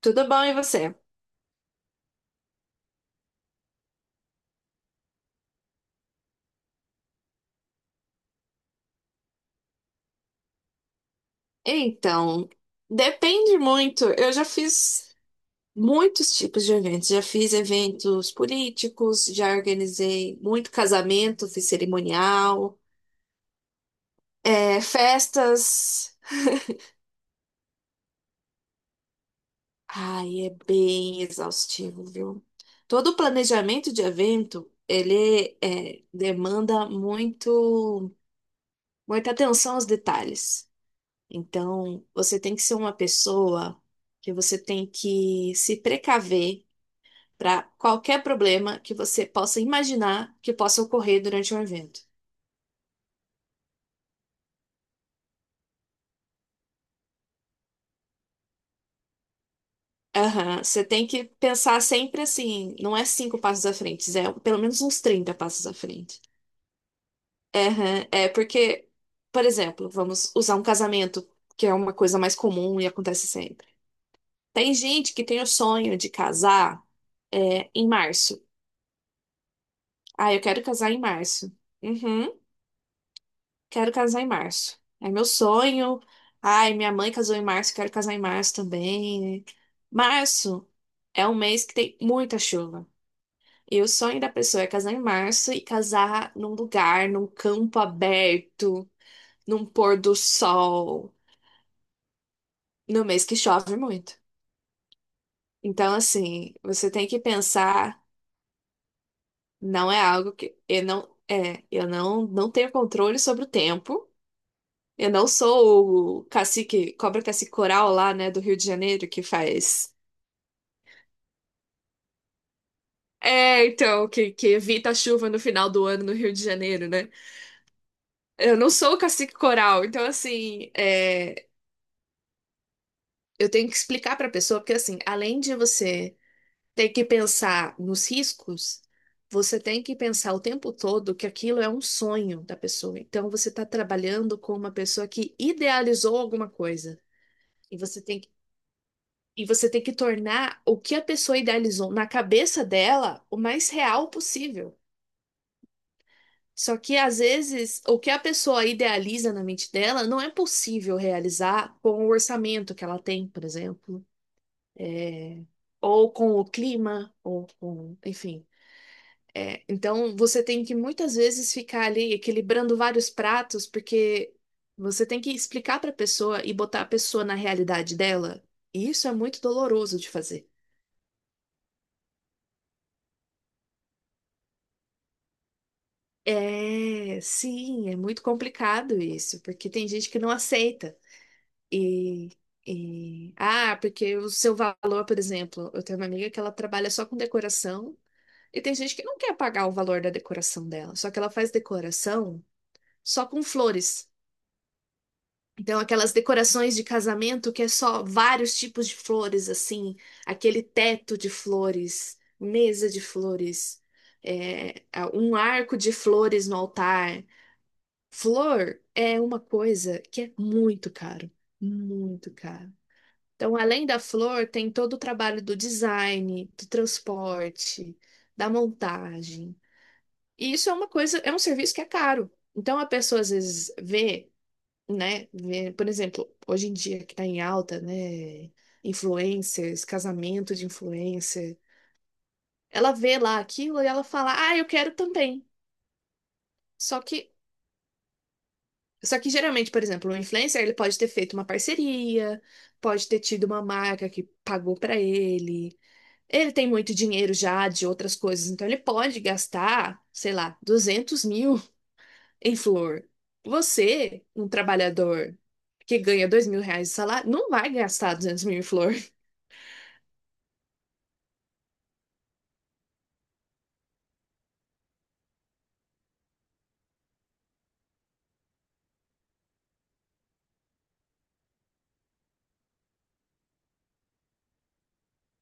Tudo bom, e você? Então, depende muito. Eu já fiz muitos tipos de eventos. Já fiz eventos políticos, já organizei muito casamento, fiz cerimonial, festas. Ai, é bem exaustivo, viu? Todo o planejamento de evento, ele demanda muito, muita atenção aos detalhes. Então, você tem que ser uma pessoa que você tem que se precaver para qualquer problema que você possa imaginar que possa ocorrer durante um evento. Aham, você tem que pensar sempre assim, não é cinco passos à frente, é pelo menos uns 30 passos à frente. Aham, é porque, por exemplo, vamos usar um casamento, que é uma coisa mais comum e acontece sempre. Tem gente que tem o sonho de casar em março. Ah, eu quero casar em março. Uhum. Quero casar em março. É meu sonho. Ai, minha mãe casou em março, quero casar em março também. Março é um mês que tem muita chuva. E o sonho da pessoa é casar em março e casar num lugar, num campo aberto, num pôr do sol, no mês que chove muito. Então, assim, você tem que pensar, não é algo que eu não tenho controle sobre o tempo. Eu não sou o cacique, cobra cacique coral lá, né, do Rio de Janeiro, que faz. É, então, que evita a chuva no final do ano no Rio de Janeiro, né? Eu não sou o cacique coral, então, assim, eu tenho que explicar pra pessoa, porque, assim, além de você ter que pensar nos riscos, você tem que pensar o tempo todo que aquilo é um sonho da pessoa. Então, você tá trabalhando com uma pessoa que idealizou alguma coisa. E você tem E você tem que tornar o que a pessoa idealizou na cabeça dela o mais real possível. Só que às vezes o que a pessoa idealiza na mente dela não é possível realizar com o orçamento que ela tem, por exemplo, é, ou com o clima, ou com, enfim. É, então você tem que muitas vezes ficar ali equilibrando vários pratos, porque você tem que explicar para a pessoa e botar a pessoa na realidade dela. E isso é muito doloroso de fazer. É, sim, é muito complicado isso, porque tem gente que não aceita. E, ah, porque o seu valor, por exemplo, eu tenho uma amiga que ela trabalha só com decoração, e tem gente que não quer pagar o valor da decoração dela, só que ela faz decoração só com flores. Então, aquelas decorações de casamento que é só vários tipos de flores, assim, aquele teto de flores, mesa de flores, é, um arco de flores no altar. Flor é uma coisa que é muito caro, muito caro. Então, além da flor, tem todo o trabalho do design, do transporte, da montagem. E isso é uma coisa, é um serviço que é caro. Então, a pessoa às vezes vê, né, vê, por exemplo, hoje em dia que está em alta, né, influencers, casamento de influencer, ela vê lá aquilo e ela fala, ah, eu quero também. Só que Só que geralmente, por exemplo, o influencer ele pode ter feito uma parceria, pode ter tido uma marca que pagou pra ele. Ele tem muito dinheiro já de outras coisas, então ele pode gastar, sei lá, 200.000 em flor. Você, um trabalhador que ganha R$ 2.000 de salário, não vai gastar 200.000 em flor.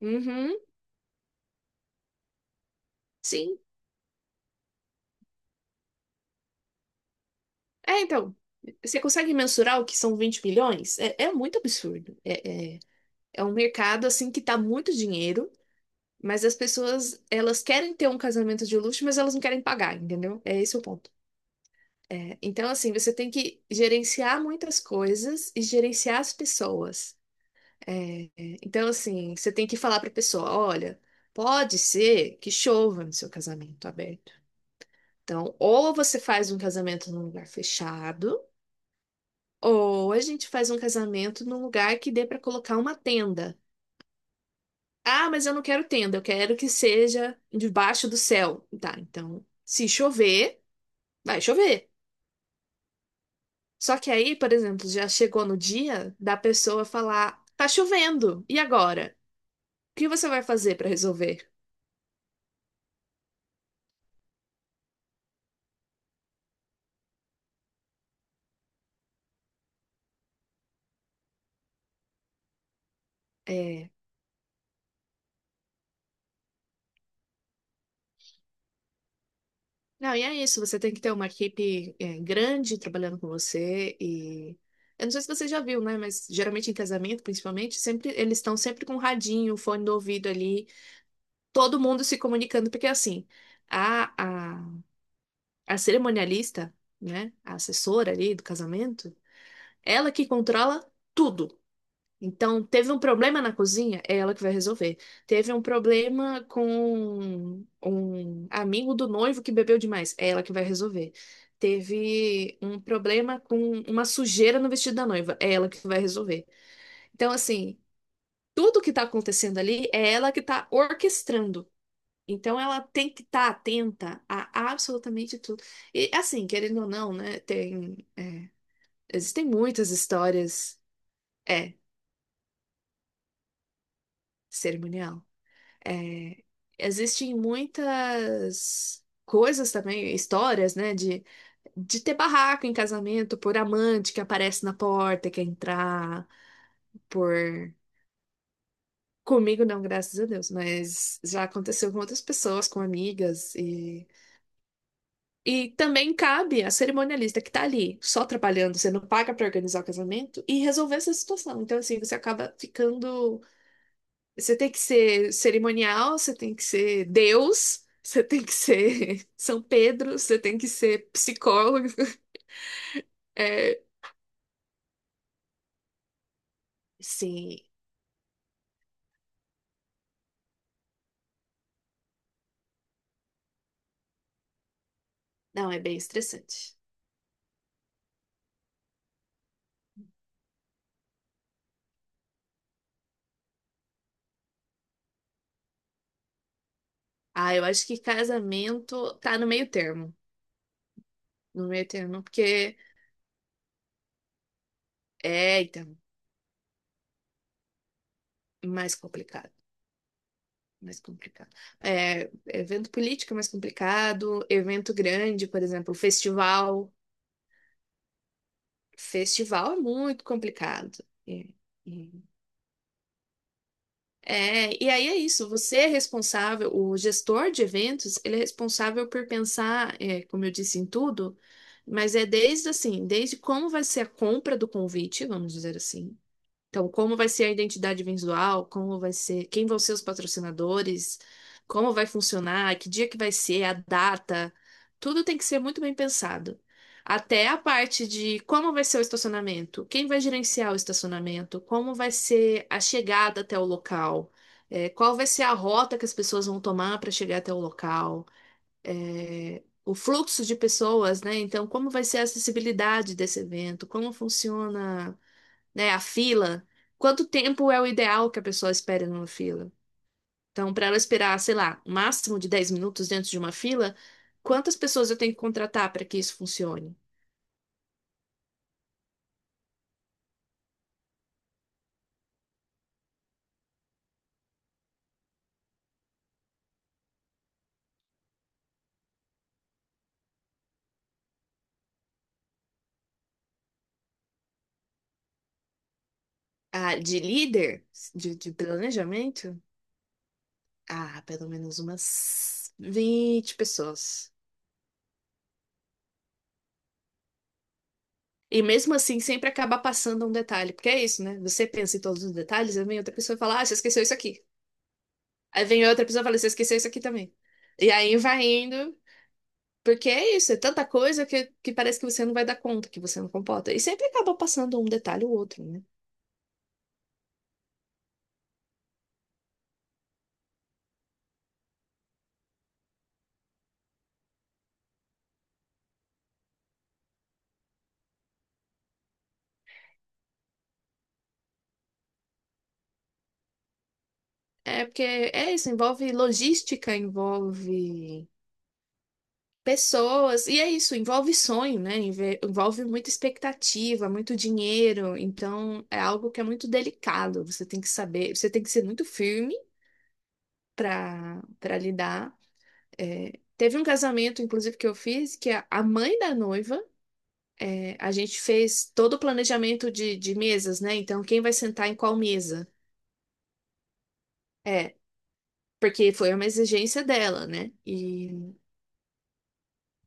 Uhum, sim. É, então, você consegue mensurar o que são 20 milhões? É, é muito absurdo. É um mercado, assim, que tá muito dinheiro. Mas as pessoas, elas querem ter um casamento de luxo, mas elas não querem pagar, entendeu? É esse o ponto. É, então, assim, você tem que gerenciar muitas coisas e gerenciar as pessoas. É, é, então, assim, você tem que falar para a pessoa: olha, pode ser que chova no seu casamento aberto. Então, ou você faz um casamento num lugar fechado, ou a gente faz um casamento num lugar que dê para colocar uma tenda. Ah, mas eu não quero tenda, eu quero que seja debaixo do céu. Tá, então, se chover, vai chover. Só que aí, por exemplo, já chegou no dia da pessoa falar: tá chovendo, e agora? O que você vai fazer para resolver? É. Não, e é isso, você tem que ter uma equipe grande trabalhando com você e. Eu não sei se você já viu, né? Mas geralmente em casamento, principalmente, sempre eles estão sempre com um radinho, fone do ouvido ali, todo mundo se comunicando, porque é assim. A, a a cerimonialista, né, a assessora ali do casamento, ela que controla tudo. Então, teve um problema na cozinha, é ela que vai resolver. Teve um problema com um amigo do noivo que bebeu demais, é ela que vai resolver. Teve um problema com uma sujeira no vestido da noiva, é ela que vai resolver. Então, assim, tudo que tá acontecendo ali é ela que tá orquestrando. Então ela tem que estar atenta a absolutamente tudo. E assim, querendo ou não, né? Existem muitas histórias, é, cerimonial. É, existem muitas coisas também, histórias, né? De ter barraco em casamento por amante que aparece na porta, quer entrar, por comigo não, graças a Deus, mas já aconteceu com outras pessoas, com amigas. E também cabe à cerimonialista que tá ali, só trabalhando, você não paga pra organizar o casamento e resolver essa situação. Então, assim, você acaba ficando. Você tem que ser cerimonial, você tem que ser Deus, você tem que ser São Pedro, você tem que ser psicólogo. É, sim, não, é bem estressante. Ah, eu acho que casamento tá no meio termo. No meio termo, porque então, mais complicado. Mais complicado. É, evento político é mais complicado, evento grande, por exemplo, festival. Festival é muito complicado. É, é. É, e aí é isso, você é responsável, o gestor de eventos, ele é responsável por pensar, como eu disse, em tudo, mas é desde assim, desde como vai ser a compra do convite, vamos dizer assim. Então, como vai ser a identidade visual, como vai ser, quem vão ser os patrocinadores, como vai funcionar, que dia que vai ser, a data, tudo tem que ser muito bem pensado. Até a parte de como vai ser o estacionamento, quem vai gerenciar o estacionamento, como vai ser a chegada até o local, qual vai ser a rota que as pessoas vão tomar para chegar até o local, o fluxo de pessoas, né? Então, como vai ser a acessibilidade desse evento, como funciona, né? A fila. Quanto tempo é o ideal que a pessoa espere numa fila? Então, para ela esperar, sei lá, um máximo de 10 minutos dentro de uma fila, quantas pessoas eu tenho que contratar para que isso funcione? Ah, de líder? De planejamento? Ah, pelo menos umas 20 pessoas. E mesmo assim, sempre acaba passando um detalhe, porque é isso, né? Você pensa em todos os detalhes, aí vem outra pessoa e fala, ah, você esqueceu isso aqui. Aí vem outra pessoa e fala, você esqueceu isso aqui também. E aí vai indo. Porque é isso, é tanta coisa que parece que você não vai dar conta, que você não comporta. E sempre acaba passando um detalhe ou outro, né? É porque é isso, envolve logística, envolve pessoas, e é isso, envolve sonho, né? Envolve muita expectativa, muito dinheiro. Então é algo que é muito delicado. Você tem que saber, você tem que ser muito firme para lidar. É, teve um casamento, inclusive, que eu fiz, que a mãe da noiva. A gente fez todo o planejamento de mesas, né? Então, quem vai sentar em qual mesa? É, porque foi uma exigência dela, né? E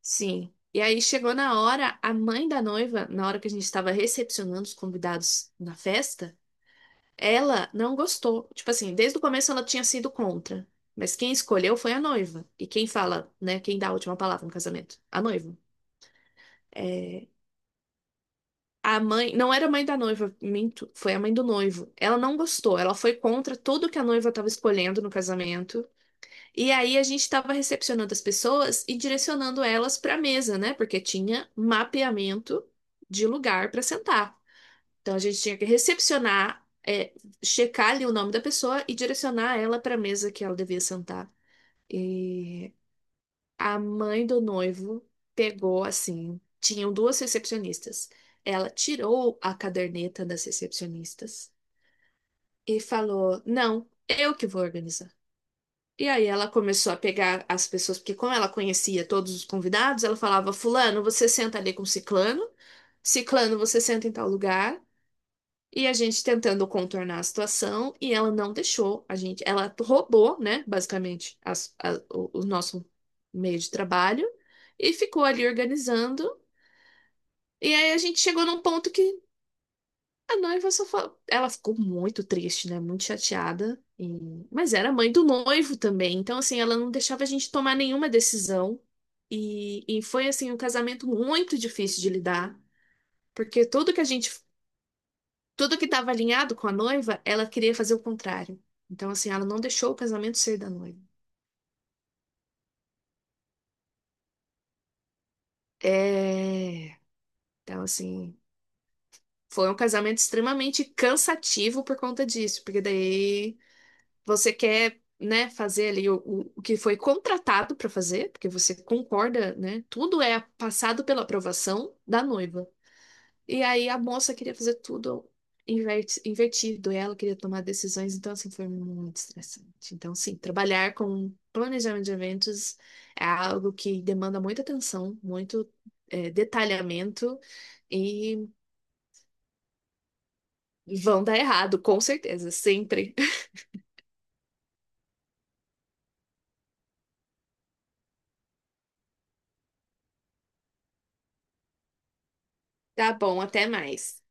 sim. E aí chegou na hora, a mãe da noiva, na hora que a gente estava recepcionando os convidados na festa, ela não gostou. Tipo assim, desde o começo ela tinha sido contra. Mas quem escolheu foi a noiva. E quem fala, né? Quem dá a última palavra no casamento? A noiva. É, a mãe, não era a mãe da noiva, minto, foi a mãe do noivo. Ela não gostou, ela foi contra tudo que a noiva estava escolhendo no casamento. E aí a gente estava recepcionando as pessoas e direcionando elas para a mesa, né? Porque tinha mapeamento de lugar para sentar. Então a gente tinha que recepcionar, checar ali o nome da pessoa e direcionar ela para a mesa que ela devia sentar. E a mãe do noivo pegou assim, tinham duas recepcionistas. Ela tirou a caderneta das recepcionistas e falou: "Não, eu que vou organizar". E aí ela começou a pegar as pessoas, porque como ela conhecia todos os convidados, ela falava: "Fulano, você senta ali com ciclano, ciclano, você senta em tal lugar". E a gente tentando contornar a situação e ela não deixou a gente. Ela roubou, né, basicamente, o nosso meio de trabalho e ficou ali organizando. E aí a gente chegou num ponto que a noiva só falou. Ela ficou muito triste, né, muito chateada. Mas era mãe do noivo também, então assim, ela não deixava a gente tomar nenhuma decisão. E foi assim um casamento muito difícil de lidar, porque tudo que estava alinhado com a noiva, ela queria fazer o contrário. Então, assim, ela não deixou o casamento ser da noiva. É. Então, assim, foi um casamento extremamente cansativo por conta disso, porque daí você quer, né, fazer ali o que foi contratado para fazer, porque você concorda, né? Tudo é passado pela aprovação da noiva. E aí a moça queria fazer tudo invertido, e ela queria tomar decisões, então assim foi muito estressante. Então, sim, trabalhar com planejamento de eventos é algo que demanda muita atenção, muito detalhamento e vão dar errado, com certeza, sempre. Tá bom, até mais.